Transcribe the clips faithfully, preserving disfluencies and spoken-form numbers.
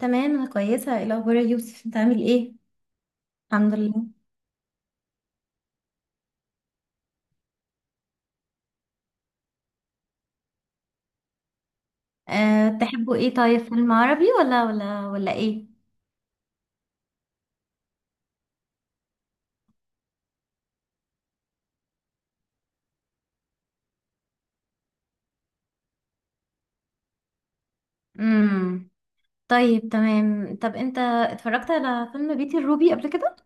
تمام، انا كويسه. ايه الاخبار يا يوسف؟ انت عامل ايه؟ الحمد لله. أه تحبوا ايه؟ طيب، فيلم عربي ولا ولا ولا ايه؟ امم طيب تمام. طب انت اتفرجت على فيلم بيتي الروبي قبل كده؟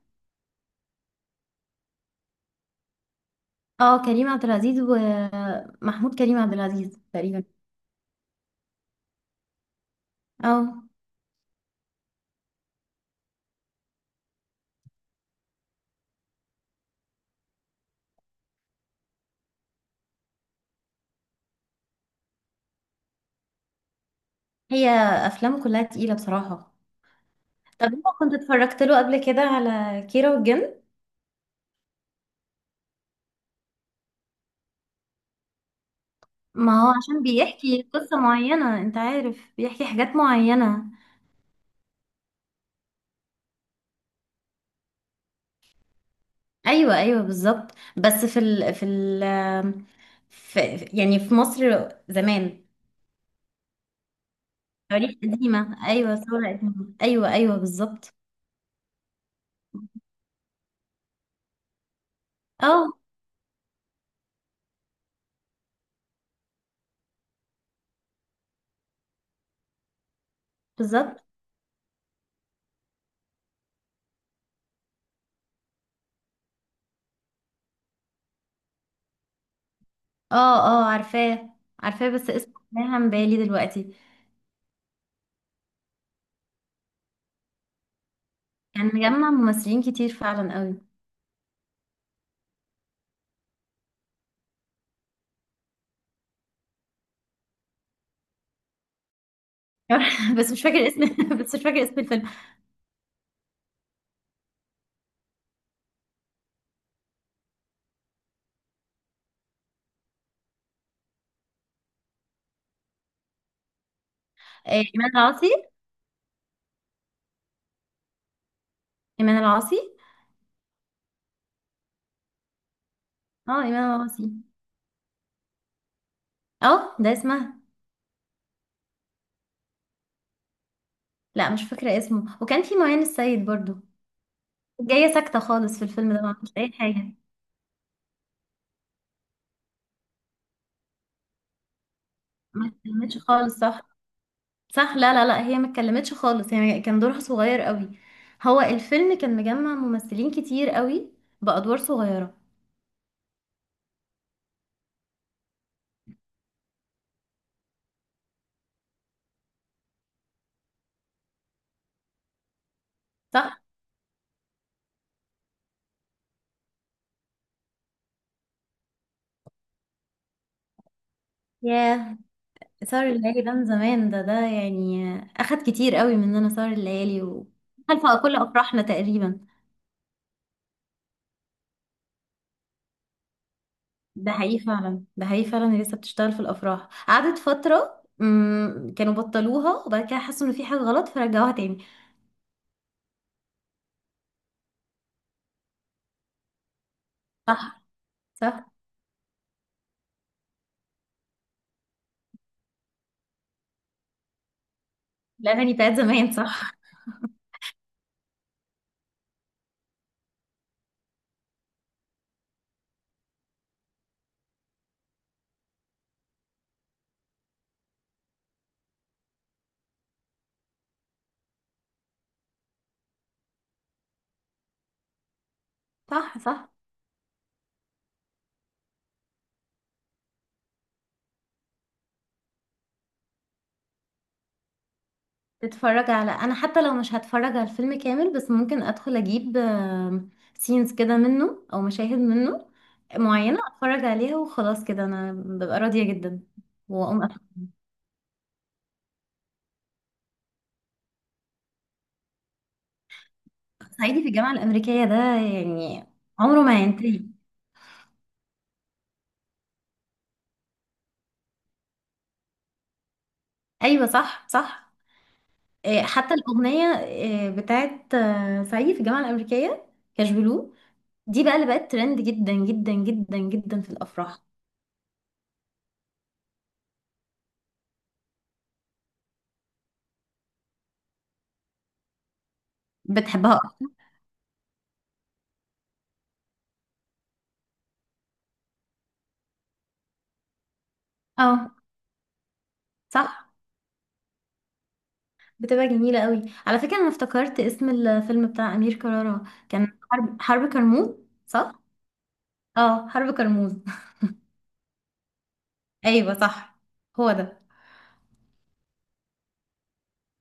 اه، كريم عبد العزيز ومحمود كريم عبد العزيز تقريبا. اه. هي افلامه كلها تقيله بصراحه. طب انت كنت اتفرجت له قبل كده على كيرة والجن؟ ما هو عشان بيحكي قصه معينه، انت عارف، بيحكي حاجات معينه. ايوه ايوه بالظبط. بس في ال في ال في يعني في مصر زمان. تاريخ قديمة، ايوه، ثورة قديمة، ايوه ايوه، بالظبط. اه، بالظبط. اه اه، عارفاه عارفاه، بس اسمه رايح عن بالي دلوقتي. كان مجمع ممثلين كتير فعلا قوي. بس مش فاكر اسم بس مش فاكر اسم الفيلم. آه، ايمان العاصي. ايمان العاصي. اه، ايمان العاصي. اه، ده اسمها. لا، مش فاكرة اسمه، وكان في معين السيد برضو. جاية ساكتة خالص في الفيلم ده، ما عملتش أي حاجة. ما اتكلمتش خالص، صح. صح، لا لا لا، هي ما اتكلمتش خالص، هي كان دورها صغير قوي. هو الفيلم كان مجمع ممثلين كتير قوي بأدوار صغيرة. صح. ياه، سهر الليالي ده من زمان. ده ده يعني أخد كتير قوي مننا، سهر الليالي و خلف كل أفراحنا تقريبا. ده حقيقي فعلا، ده حقيقي فعلا، هي لسه بتشتغل في الأفراح. قعدت فترة مم، كانوا بطلوها، وبعد كده حسوا إن في حاجة غلط فرجعوها تاني. صح صح. الأغاني بتاعت زمان، صح. صح صح. تتفرج على انا حتى لو مش هتفرج على الفيلم كامل، بس ممكن ادخل اجيب سينز كده منه، او مشاهد منه معينة، اتفرج عليها وخلاص كده انا ببقى راضية جدا. واقوم أتفرج. صعيدي في الجامعة الامريكية ده يعني عمره ما هينتهي. ايوه صح صح. إيه، حتى الاغنية إيه، بتاعت آه، صعيدي في الجامعة الامريكية، كاش بلو، دي بقى اللي بقت ترند جدا جدا جدا جدا في الافراح. بتحبها أكتر؟ اه، صح. بتبقى جميلة قوي. على فكرة، انا افتكرت اسم الفيلم بتاع امير كرارة. كان حرب حرب كرموز. صح. اه، حرب كرموز. ايوه صح، هو ده.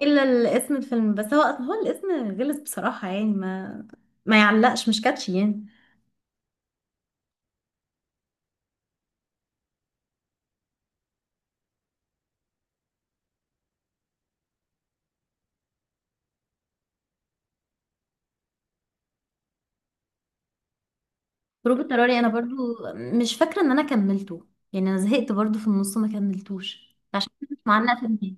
الا ال- اسم الفيلم بس. هو هو الاسم غلس بصراحة. يعني ما ما يعلقش، مش كاتشي يعني. هروب اضطراري انا برضو مش فاكرة ان انا كملته. يعني انا زهقت برضو في النص، ما كملتوش، عشان كده مش معلقة في دماغي.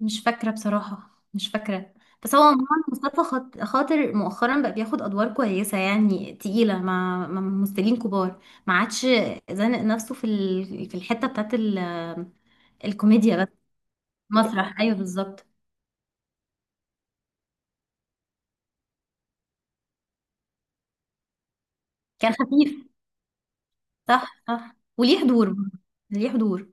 مش فاكرة بصراحة، مش فاكرة. بس هو عموما مصطفى خاط- خاطر مؤخرا بقى بياخد أدوار كويسة، يعني تقيلة، مع مع ممثلين كبار. ما عادش زانق نفسه في ال- في الحتة بتاعت ال- الكوميديا بس. مسرح، أيوه، بالظبط. كان خفيف. صح صح، وليه حضور برضه. ليه حضور.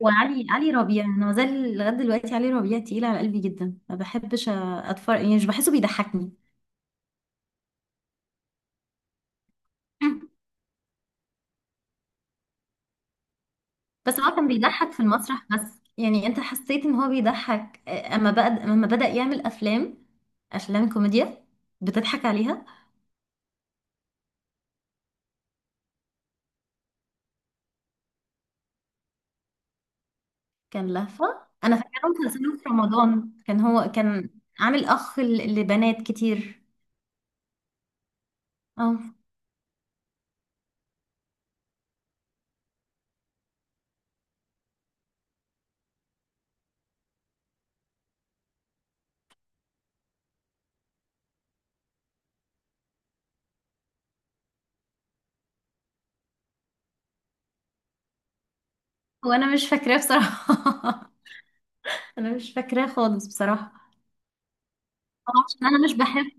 وعلي علي ربيع، أنا مازال لغاية دلوقتي علي ربيع تقيل على قلبي جدا، ما بحبش أتفرج، يعني مش بحسه بيضحكني. بس هو كان بيضحك في المسرح بس. يعني انت حسيت ان هو بيضحك، آه، اما بقى اما بدأ يعمل افلام، افلام كوميديا بتضحك عليها. كان لهفة. انا فاكره مسلسله في رمضان، كان هو كان عامل اخ ل- لبنات كتير. اه. هو انا مش فاكراه بصراحة. انا مش فاكراه خالص بصراحة. اه، عشان انا مش بحب.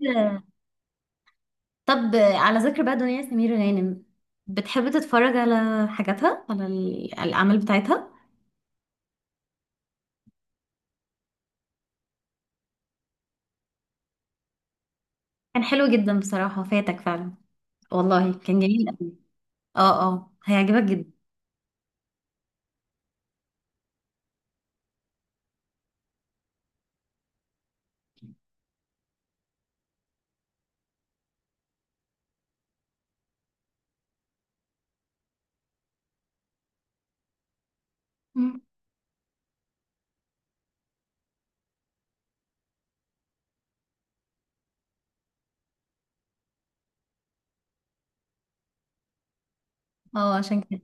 طب آه، على ذكر بقى دنيا سمير غانم، بتحب تتفرج على حاجاتها، على ال- الأعمال بتاعتها؟ كان حلو جدا بصراحة، فاتك فعلا. والله كان جميل قوي. اه اه، هيعجبك جدا. مم. اه، عشان كده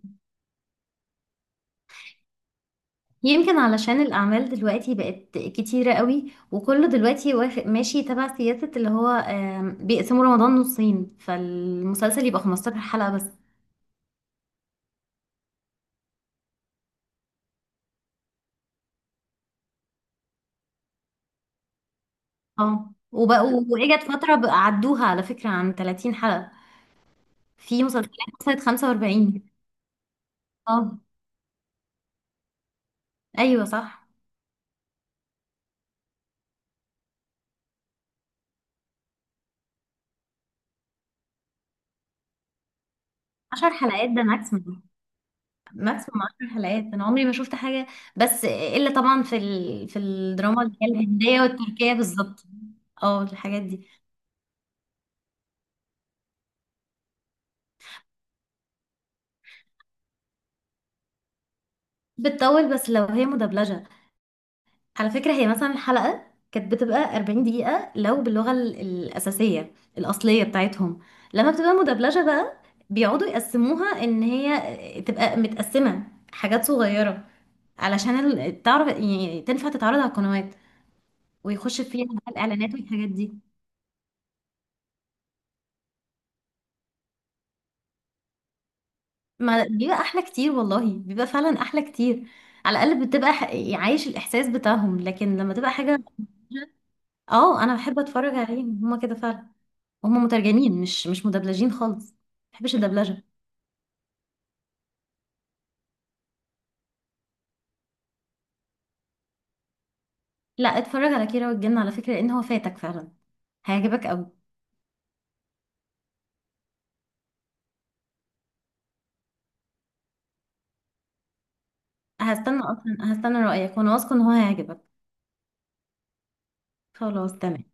يمكن علشان الأعمال دلوقتي بقت كتيرة قوي، وكله دلوقتي واخد ماشي تبع سياسة اللي هو، آم، بيقسموا رمضان نصين، فالمسلسل يبقى خمستاشر حلقة بس. اه، وبقوا وإجت فترة بقى عدوها على فكرة عن ثلاثين حلقة. في مسلسلات وصلت خمسة وأربعين. اه، أيوة صح. عشرة حلقات ده ماكسيمم. ماكسيموم عشرة حلقات، انا عمري ما شفت حاجه، بس الا طبعا في ال... في الدراما اللي هي الهنديه والتركيه. بالظبط. اه، الحاجات دي بتطول، بس لو هي مدبلجه. على فكره هي مثلا الحلقه كانت بتبقى أربعين دقيقه لو باللغه ال- الاساسيه الاصليه بتاعتهم. لما بتبقى مدبلجه بقى، بيقعدوا يقسموها ان هي تبقى متقسمه حاجات صغيره، علشان ال- تعرف يعني، تنفع تتعرض على القنوات، ويخش فيها بقى الاعلانات والحاجات دي. ما بيبقى احلى كتير، والله بيبقى فعلا احلى كتير. على الاقل بتبقى ح... عايش الاحساس بتاعهم، لكن لما تبقى حاجه اه انا بحب اتفرج عليهم هما كده فعلا. هما مترجمين، مش مش مدبلجين خالص، ما بحبش الدبلجه. لا، اتفرج على كيرة والجن على فكره، لان هو فاتك فعلا، هيعجبك قوي. هستنى، اصلا هستنى رايك، وانا واثقه ان هو هيعجبك. خلاص تمام.